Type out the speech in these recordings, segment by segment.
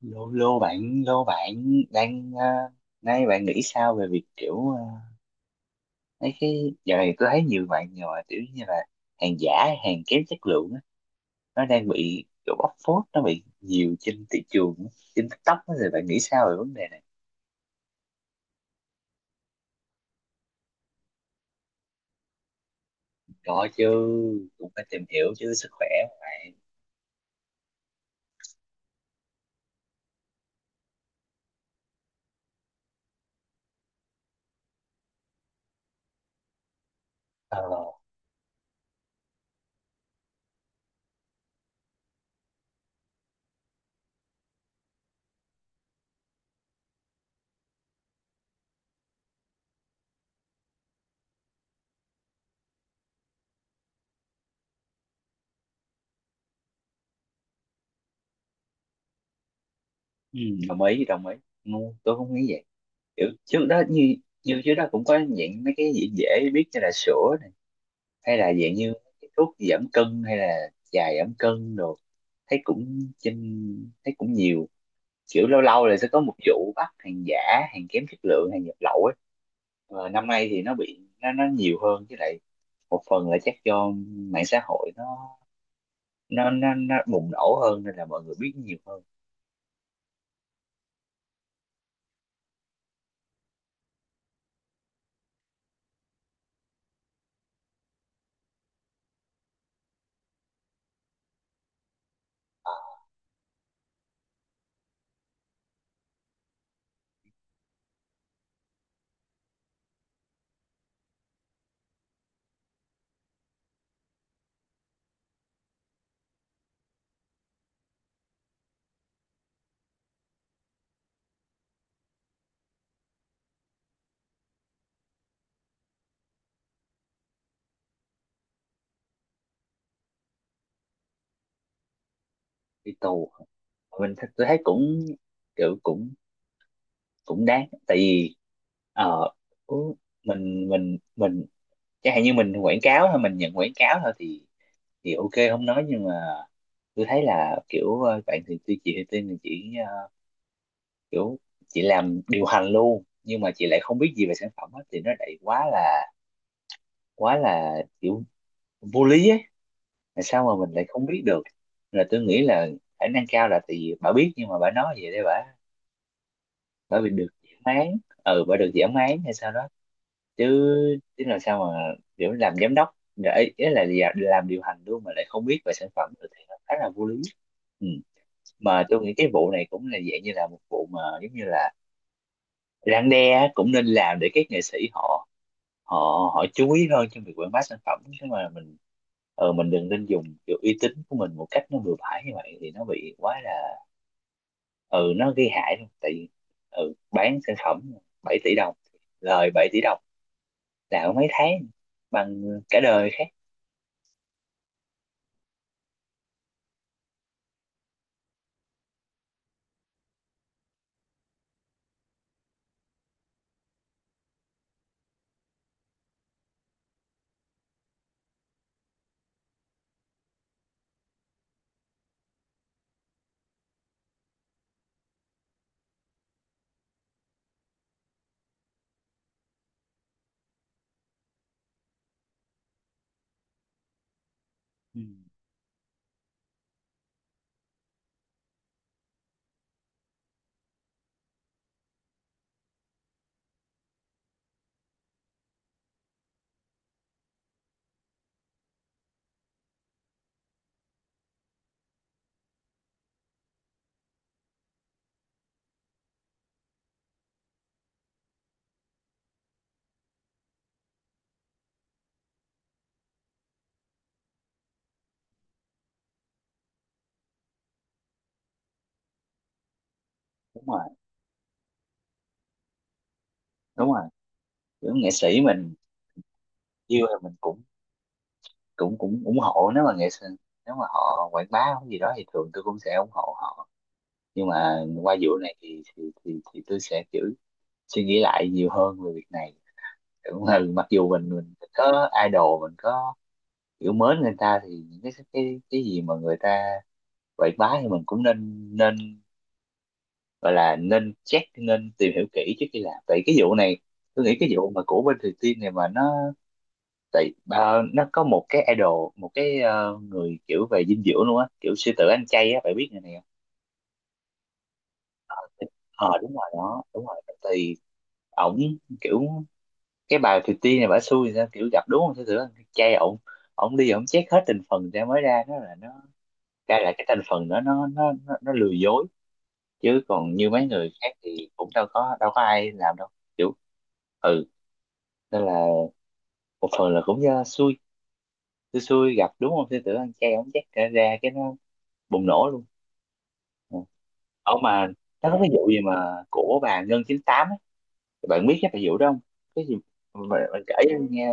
Lô lô bạn đang nay bạn nghĩ sao về việc kiểu mấy cái giờ này tôi thấy nhiều bạn rồi, kiểu như là hàng giả, hàng kém chất lượng á, nó đang bị kiểu bóc phốt, nó bị nhiều trên thị trường á, trên TikTok á, thì bạn nghĩ sao về vấn đề này? Có chứ, cũng phải tìm hiểu chứ, sức khỏe mà bạn. ờ ừ, đồng ý đồng ý. Ừ, tôi không nghĩ vậy. Kiểu trước đó, như như trước đó cũng có những mấy cái gì dễ biết, như là sữa, hay là dạng như cái thuốc giảm cân, hay là trà giảm cân đồ, thấy cũng trên, thấy cũng nhiều, kiểu lâu lâu là sẽ có một vụ bắt hàng giả, hàng kém chất lượng, hàng nhập lậu ấy. Và năm nay thì nó bị, nó nhiều hơn. Với lại một phần là chắc do mạng xã hội nó, nó bùng nổ hơn nên là mọi người biết nhiều hơn. Đi tù. Tôi thấy cũng kiểu cũng cũng đáng, tại vì ờ, cũng- mình chẳng hạn như mình quảng cáo thôi, mình nhận quảng cáo thôi, thì ok không nói, nhưng mà tôi thấy là kiểu, bạn thì tuy chị thì Tiên, thì chị kiểu chị làm điều hành luôn, nhưng mà chị lại không biết gì về sản phẩm hết, thì nó lại quá là kiểu vô lý ấy, là sao mà mình lại không biết được. Là tôi nghĩ là khả năng cao là tại vì bà biết, nhưng mà bà nói vậy để bà bị được giảm án, ừ bà được giảm án hay sao đó. Chứ chứ làm sao mà kiểu làm giám đốc để ý là làm điều hành luôn mà lại không biết về sản phẩm được, thì nó khá là vô lý. Ừ. Mà tôi nghĩ cái vụ này cũng là dạng như là một vụ mà giống như là răn đe á, cũng nên làm để các nghệ sĩ họ, họ họ chú ý hơn trong việc quảng bá sản phẩm. Chứ mà mình đừng nên dùng kiểu uy tín của mình một cách nó bừa bãi như vậy, thì nó bị quá là, ừ nó gây hại luôn. Tại vì ừ bán sản phẩm 7 tỷ đồng, lời 7 tỷ đồng là mấy tháng bằng cả đời khác. Ừ. Đúng rồi đúng rồi. Kiểu nghệ sĩ mình yêu thì mình cũng cũng cũng ủng hộ, nếu mà nghệ sĩ, nếu mà họ quảng bá cái gì đó thì thường tôi cũng sẽ ủng hộ họ. Nhưng mà qua vụ này thì, tôi sẽ kiểu suy nghĩ lại nhiều hơn về việc này. Cũng là mặc dù mình có idol, mình có kiểu mến người ta, thì những cái cái gì mà người ta quảng bá thì mình cũng nên nên gọi là nên check, nên tìm hiểu kỹ trước khi làm. Tại cái vụ này tôi nghĩ cái vụ mà của bên Thùy Tiên này mà nó, tại nó có một cái idol, một cái người kiểu về dinh dưỡng luôn á, kiểu sư tử ăn chay á, phải biết người này không? Ờ đúng rồi đó, đúng rồi. Thì ổng kiểu, cái bà Thùy Tiên này bả xui thì sao kiểu gặp đúng không sư tử ăn chay, ổng ổng đi, ổng check hết thành phần ra mới ra nó là nó, ra là cái thành phần đó nó, nó lừa dối. Chứ còn như mấy người khác thì cũng đâu có, đâu có ai làm đâu, kiểu ừ. Nên là một phần là cũng do xui xui xui gặp đúng không sư tử ăn chay, ổng check ra ra cái nó bùng nổ luôn. Ừ. Ở mà nó có cái vụ gì mà của bà Ngân 98 ấy. Bạn biết cái bà vụ đó không? Cái gì mà bạn kể cho em nghe.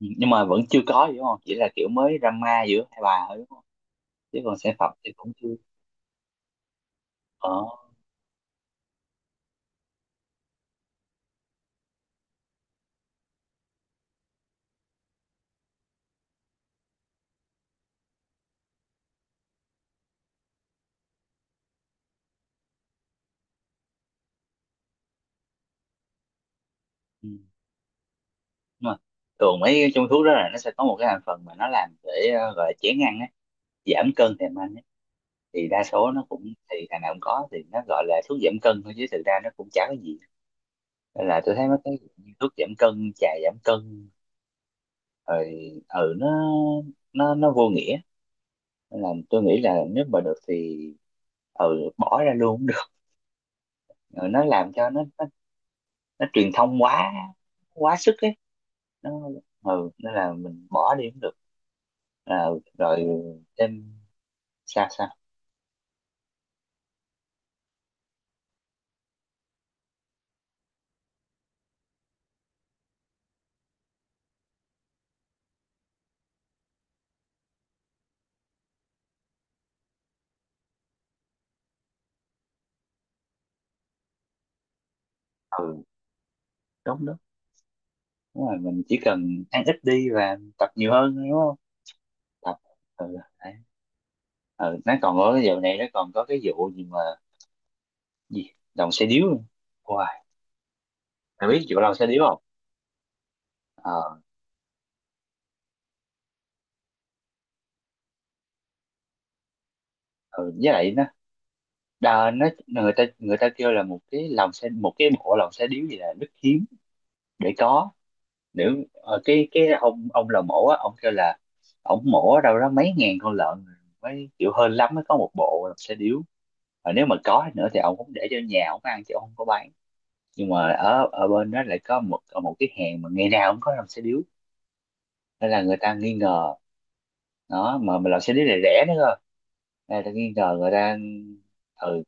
Ừ, nhưng mà vẫn chưa có gì đúng không? Chỉ là kiểu mới drama giữa hai bà thôi đúng không? Chứ còn sản phẩm thì cũng chưa có. Ừ. Nhưng mà thường mấy cái trong thuốc đó là nó sẽ có một cái thành phần mà nó làm để gọi là chén ăn ấy, giảm cân thèm ăn ấy. Thì đa số nó cũng, thì thằng nào cũng có, thì nó gọi là thuốc giảm cân thôi chứ thực ra nó cũng chả có gì. Nên là tôi thấy mấy cái thuốc giảm cân, trà giảm cân rồi ừ nó, nó vô nghĩa. Nên là tôi nghĩ là nếu mà được thì, ừ bỏ ra luôn cũng được. Ừ, nó làm cho nó, truyền thông quá, quá sức ấy. Nó ừ nên là mình bỏ đi cũng được. À, rồi, thêm, sao sao. Ừ đúng đúng. Đúng rồi, mình chỉ cần ăn ít đi và tập nhiều hơn thôi, đúng không? Tập ừ, đấy. Ừ nó còn có cái dạo này nó còn có cái vụ gì mà gì lòng xe điếu. Wow, mày biết vụ lòng xe điếu không? Ờ. Ừ, với lại nó, đà, nó người ta kêu là một cái lòng xe, một cái bộ lòng xe điếu gì là rất hiếm để có. Nếu cái cái ông lò mổ á, ông kêu là ông mổ ở đâu đó mấy ngàn con lợn mới kiểu hơn lắm mới có một bộ lòng xe điếu. Và nếu mà có nữa thì ông cũng để cho nhà ông ăn chứ ông không có bán. Nhưng mà ở ở bên đó lại có một một cái hàng mà ngày nào cũng có lòng xe điếu, nên là người ta nghi ngờ. Đó mà mình làm xe buýt này rẻ nữa cơ. Đây tôi nghi ngờ người ta. Ừ,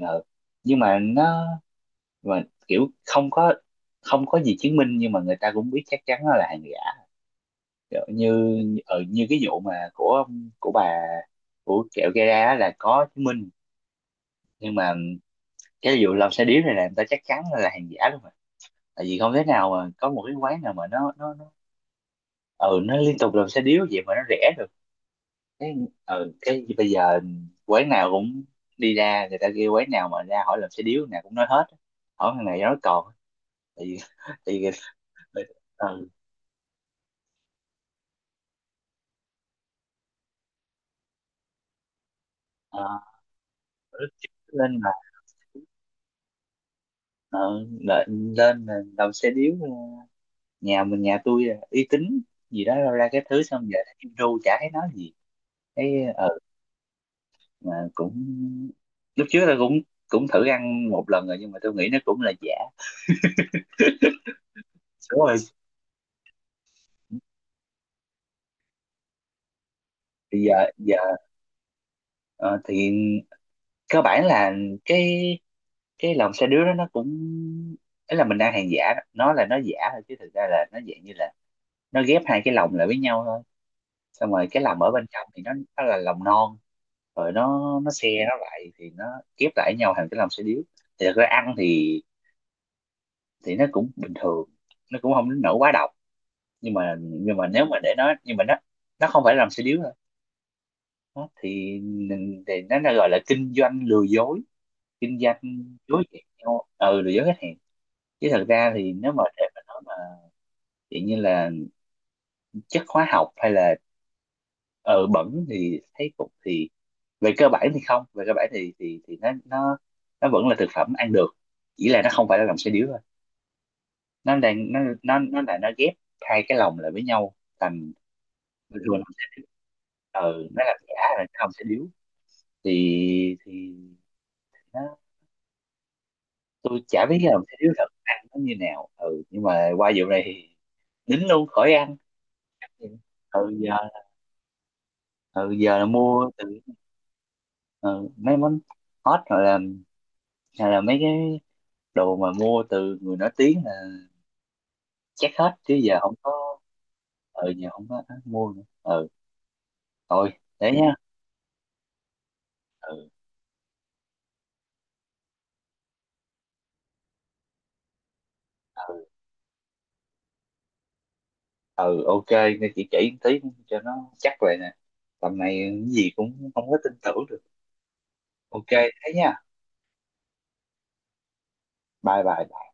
ừ. Nhưng mà nó mà kiểu không có gì chứng minh, nhưng mà người ta cũng biết chắc chắn nó là hàng giả. Kiểu như ừ, như cái vụ mà của bà, của kẹo Gara á, là có chứng minh. Nhưng mà cái vụ làm xe điếu này là người ta chắc chắn là hàng giả luôn mà. Tại vì không thể nào mà có một cái quán nào mà nó liên tục làm xe điếu vậy mà nó rẻ được. Cái ờ, cái bây giờ quán nào cũng, đi ra người ta kêu quán nào mà ra hỏi làm xe điếu nào cũng nói hết, hỏi thằng này nói còn, tại vì tại vì ừ, ờ, ờ, lên mà ờ, lên lên là làm xe điếu nhà mình, nhà tôi là uy tín gì đó, ra ra cái thứ xong giờ thấy kim ru chả thấy nói gì. Cái ờ mà cũng lúc trước là cũng cũng thử ăn một lần rồi nhưng mà tôi nghĩ nó cũng là giả. Đúng rồi. Bây giờ giờ ờ, thì cơ bản là cái cái lòng xe đứa đó nó cũng, ấy là mình đang hàng giả đó. Nó là nó giả thôi, chứ thực ra là nó dạng như là nó ghép hai cái lòng lại với nhau thôi. Xong rồi cái lòng ở bên trong thì nó là lòng non, rồi nó xe nó lại thì nó ghép lại với nhau thành cái lòng xe điếu. Thì thật ra ăn thì nó cũng bình thường, nó cũng không đến nỗi quá độc. Nhưng mà nếu mà để nó nhưng mà nó không phải là lòng xe điếu thôi. Đó, thì nó là gọi là kinh doanh lừa dối, kinh doanh dối gạt nhau, ừ lừa dối khách hàng. Chứ thật ra thì nếu mà để mà nói mà vậy như là chất hóa học hay là ờ bẩn thì thấy cũng thì về cơ bản thì không, về cơ bản thì nó vẫn là thực phẩm ăn được, chỉ là nó không phải là lòng xe điếu thôi. Nó đang nó là nó ghép hai cái lòng lại với nhau thành vừa lòng xe điếu. Ờ nó là giả là cái lòng xe điếu. Thì nó, tôi chả biết cái lòng xe điếu thật ăn nó như nào, ừ nhưng mà qua vụ này thì đính luôn khỏi ăn. Ừ giờ, ừ giờ là mua từ, ừ, mấy món hot rồi là, hay là mấy cái đồ mà mua từ người nổi tiếng là chắc hết chứ giờ không có. Ừ giờ không có mua nữa. Ừ thôi, thế nhá. Ừ ừ ừ ok, nghe chị chỉ một tí cho nó chắc vậy nè, tầm này cái gì cũng không có tin tưởng được. Ok, thế nhá. Bye bye.